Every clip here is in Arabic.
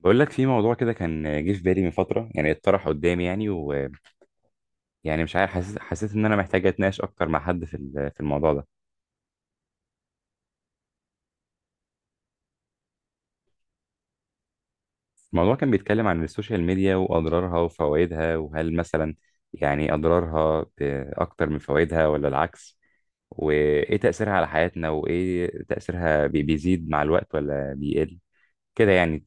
بقول لك في موضوع كده كان جه في بالي من فترة، يعني اتطرح قدامي، يعني مش عارف. حسيت ان انا محتاج اتناقش اكتر مع حد في الموضوع ده. الموضوع كان بيتكلم عن السوشيال ميديا واضرارها وفوائدها، وهل مثلا يعني اضرارها اكتر من فوائدها ولا العكس، وايه تأثيرها على حياتنا، وايه تأثيرها بيزيد مع الوقت ولا بيقل، كده يعني.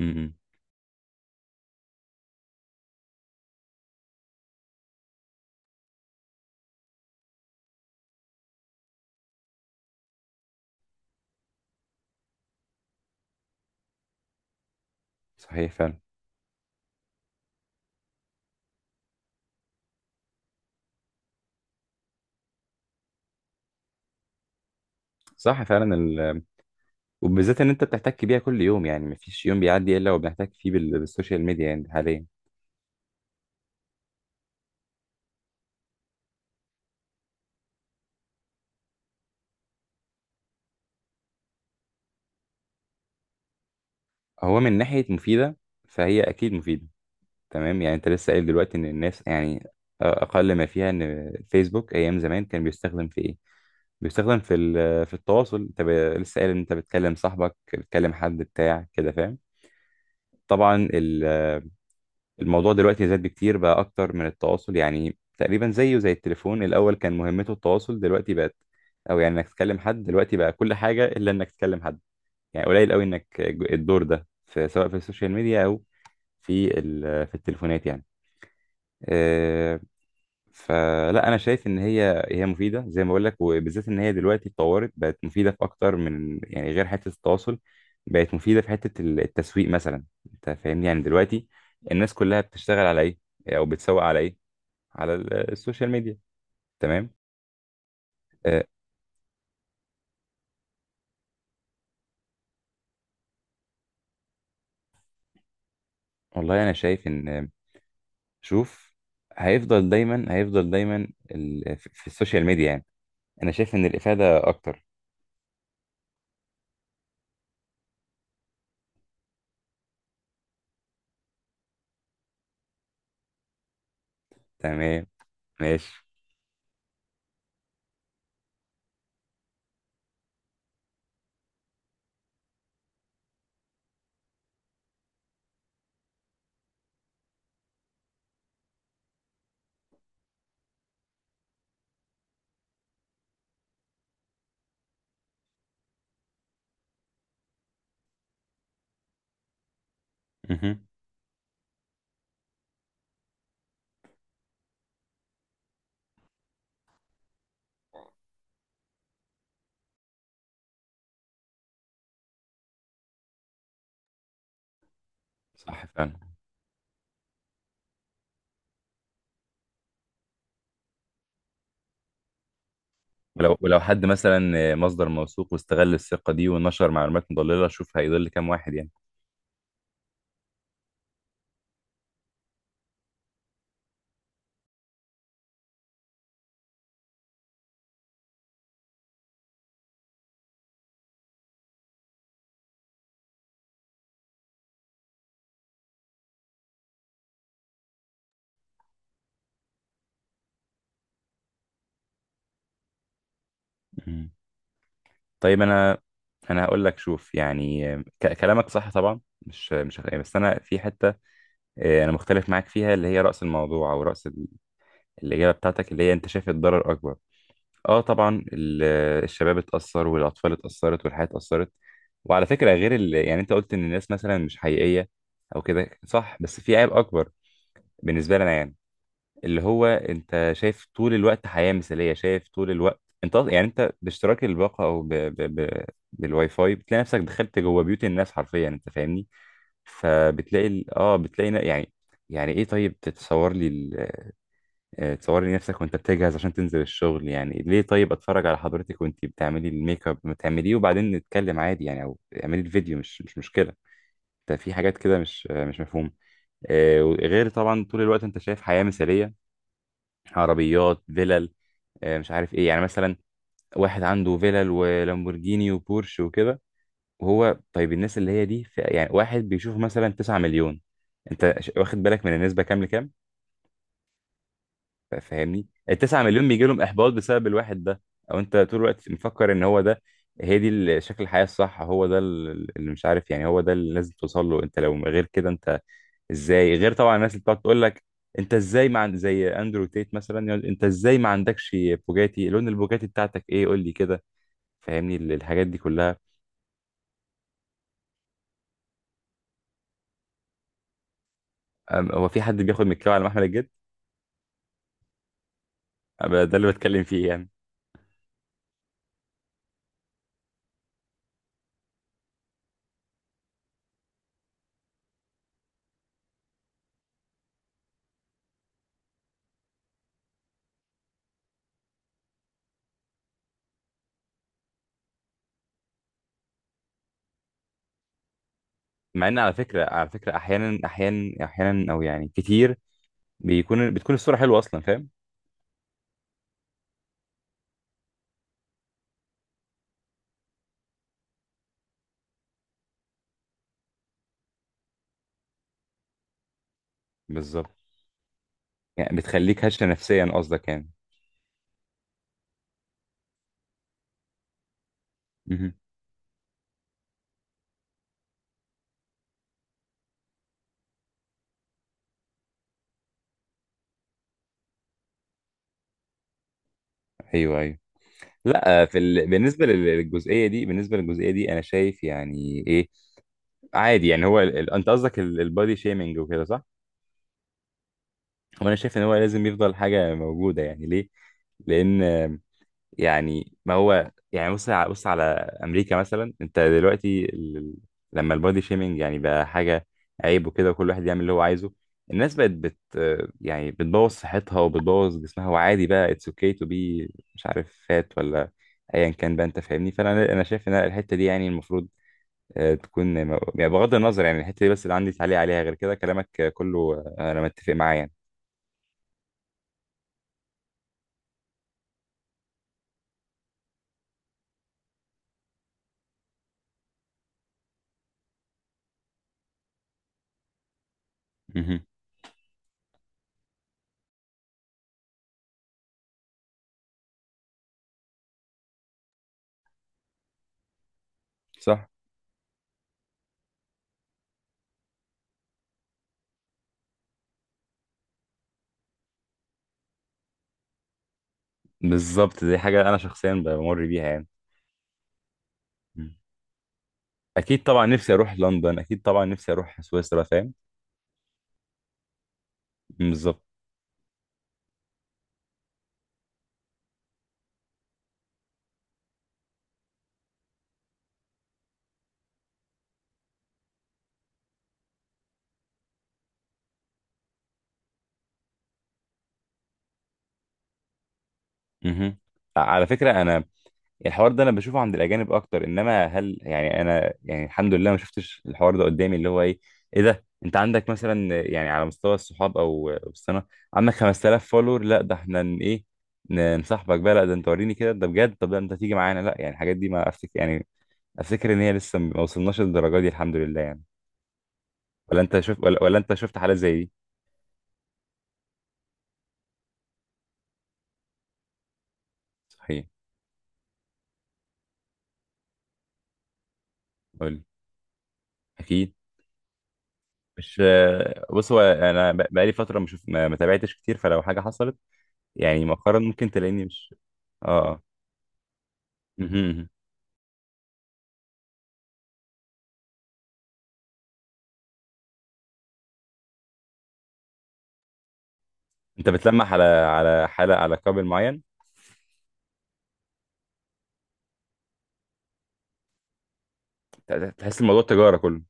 إمم. صحيح فعلا. صح فعلا. وبالذات ان انت بتحتك بيها كل يوم، يعني مفيش يوم بيعدي الا وبنحتك فيه بالسوشيال ميديا يعني حاليا. هو من ناحية مفيدة، فهي أكيد مفيدة، تمام. يعني أنت لسه قايل دلوقتي إن الناس يعني أقل ما فيها إن فيسبوك أيام زمان كان بيستخدم في إيه؟ بيستخدم في التواصل. أنت لسه قايل إن أنت بتكلم صاحبك، بتكلم حد بتاع كده، فاهم؟ طبعا الموضوع دلوقتي زاد بكتير، بقى أكتر من التواصل، يعني تقريبا زيه زي التليفون. الأول كان مهمته التواصل، دلوقتي بقت، أو يعني إنك تكلم حد. دلوقتي بقى كل حاجة إلا إنك تكلم حد، يعني قليل قوي إنك الدور ده، في سواء في السوشيال ميديا أو في التليفونات يعني. آه، فلا انا شايف ان هي مفيده زي ما بقول لك، وبالذات ان هي دلوقتي اتطورت، بقت مفيده في اكتر من يعني غير حته التواصل، بقت مفيده في حته التسويق مثلا. انت فاهمني يعني دلوقتي الناس كلها بتشتغل على ايه، او بتسوق على ايه، على السوشيال ميديا. تمام. أه، والله انا شايف ان، شوف، هيفضل دايما في السوشيال ميديا يعني. انا شايف ان الافاده اكتر. تمام. ماشي. مهم. صح فعلا. ولو حد مثلا مصدر موثوق واستغل الثقة دي ونشر معلومات مضللة، شوف هيضل كام واحد يعني. مم. طيب انا هقول لك، شوف يعني، كلامك صح طبعا، مش مش هخ- يعني بس انا في حتة، انا مختلف معاك فيها، اللي هي رأس الموضوع او رأس الإجابة بتاعتك، اللي هي انت شايف الضرر اكبر. اه طبعا الشباب اتأثر والاطفال اتأثرت والحياة اتأثرت. وعلى فكرة، غير يعني انت قلت ان الناس مثلا مش حقيقية او كده، صح، بس في عيب اكبر بالنسبة لنا، يعني اللي هو انت شايف طول الوقت حياة مثالية. شايف طول الوقت انت يعني انت باشتراك الباقة، او ب... بالواي فاي، بتلاقي نفسك دخلت جوه بيوت الناس حرفيا، انت فاهمني. فبتلاقي ال... اه بتلاقي يعني ايه، طيب تتصور لي ال... آه، تصور لي نفسك وانت بتجهز عشان تنزل الشغل، يعني ليه؟ طيب اتفرج على حضرتك وانت بتعملي الميك اب، ما تعمليه وبعدين نتكلم عادي يعني، او اعملي الفيديو، مش مشكلة. انت في حاجات كده مش مفهومة. غير طبعا طول الوقت انت شايف حياة مثالية. عربيات، فلل، مش عارف ايه، يعني مثلا واحد عنده فيلل ولامبورجيني وبورش وكده، وهو طيب الناس اللي هي دي، يعني واحد بيشوف مثلا 9 مليون، انت واخد بالك من النسبه كام لكام؟ فاهمني، ال 9 مليون بيجي لهم احباط بسبب الواحد ده، او انت طول الوقت مفكر ان هو ده، هي دي شكل الحياه الصح، هو ده اللي مش عارف يعني، هو ده اللي لازم توصل له، انت لو غير كده انت ازاي؟ غير طبعا الناس اللي بتقعد تقول لك، انت ازاي ما عند زي اندرو تيت مثلا يقول انت ازاي ما عندكش بوجاتي، لون البوجاتي بتاعتك ايه قول لي كده. فاهمني الحاجات دي كلها. هو في حد بياخد من الكاوي على محمل الجد؟ أبقى ده اللي بتكلم فيه يعني. مع ان على فكره احيانا او يعني كتير بتكون الصوره حلوه اصلا، فاهم؟ بالظبط. يعني بتخليك هشه نفسيا قصدك يعني؟ مهم. ايوه ايوه. لا، في بالنسبه للجزئيه دي بالنسبه للجزئيه دي انا شايف يعني ايه، عادي يعني. هو انت قصدك البادي شيمينج وكده، صح؟ وانا شايف ان هو لازم يفضل حاجه موجوده، يعني ليه؟ لان يعني ما هو، يعني بص على امريكا مثلا، انت دلوقتي لما البادي شيمينج يعني بقى حاجه عيب وكده، وكل واحد يعمل اللي هو عايزه، الناس بقت يعني بتبوظ صحتها وبتبوظ جسمها، وعادي بقى اتس اوكي تو بي، مش عارف فات ولا ايا كان بقى، انت فاهمني. فانا شايف ان الحته دي، يعني المفروض تكون، يعني بغض النظر، يعني الحته دي بس اللي عندي تعليق عليها. غير كده كلامك كله، انا متفق معاه يعني. مهم. صح. بالظبط، دي حاجه انا شخصيا بمر بيها يعني، اكيد طبعا نفسي اروح لندن، اكيد طبعا نفسي اروح سويسرا، فاهم. بالظبط. مهم. على فكره انا، الحوار ده انا بشوفه عند الاجانب اكتر، انما هل يعني انا يعني، الحمد لله ما شفتش الحوار ده قدامي، اللي هو ايه ده، انت عندك مثلا يعني على مستوى الصحاب او السنه عندك 5000 فولور؟ لا ده احنا نصاحبك بقى، لا ده انت وريني كده ده بجد، طب ده انت تيجي معانا، لا يعني الحاجات دي ما افتكر يعني. افتكر ان هي لسه ما وصلناش للدرجه دي الحمد لله يعني. ولا انت شفت ولا انت شفت حالات زي دي؟ صحيح. قول لي. اكيد. مش، بص، هو انا بقالي فتره مش ما تابعتش كتير، فلو حاجه حصلت يعني مؤخرا ممكن تلاقيني مش، اه اه. مهم، مهم. انت بتلمح على حاله، على قابل معين؟ تحس الموضوع تجاره كله.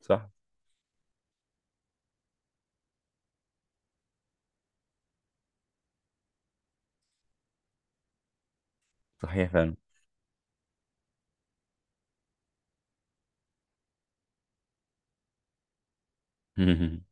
صح. صحيح فعلا. مهم.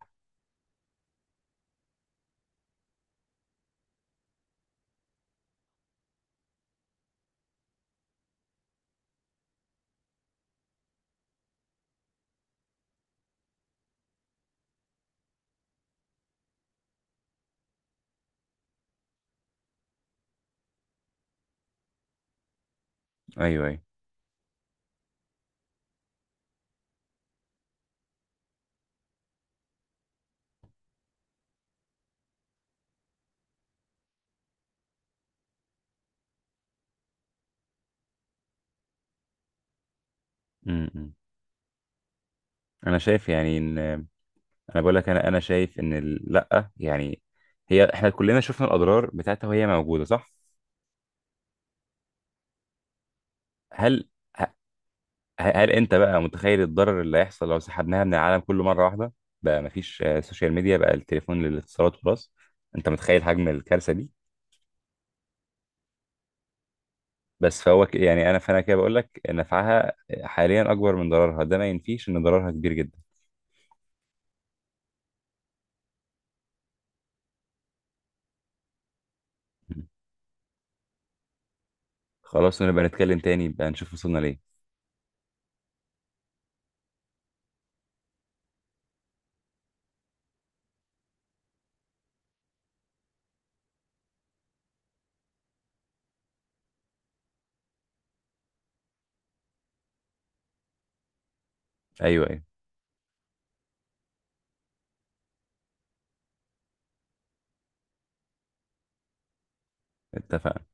ايوه ايوه. مهم. انا شايف يعني ان انا بقول لك، انا شايف ان لا يعني، هي احنا كلنا شفنا الاضرار بتاعتها، وهي موجوده، صح. هل، هل انت بقى متخيل الضرر اللي هيحصل لو سحبناها من العالم كله مره واحده؟ بقى مفيش سوشيال ميديا، بقى التليفون للاتصالات وبس، انت متخيل حجم الكارثه دي؟ بس فهو يعني فانا كده بقول لك نفعها حاليا اكبر من ضررها، ده ما ينفيش ان ضررها كبير جدا. خلاص نبقى نتكلم تاني بقى نشوف وصلنا ليه. ايوه ايوه. اتفقنا.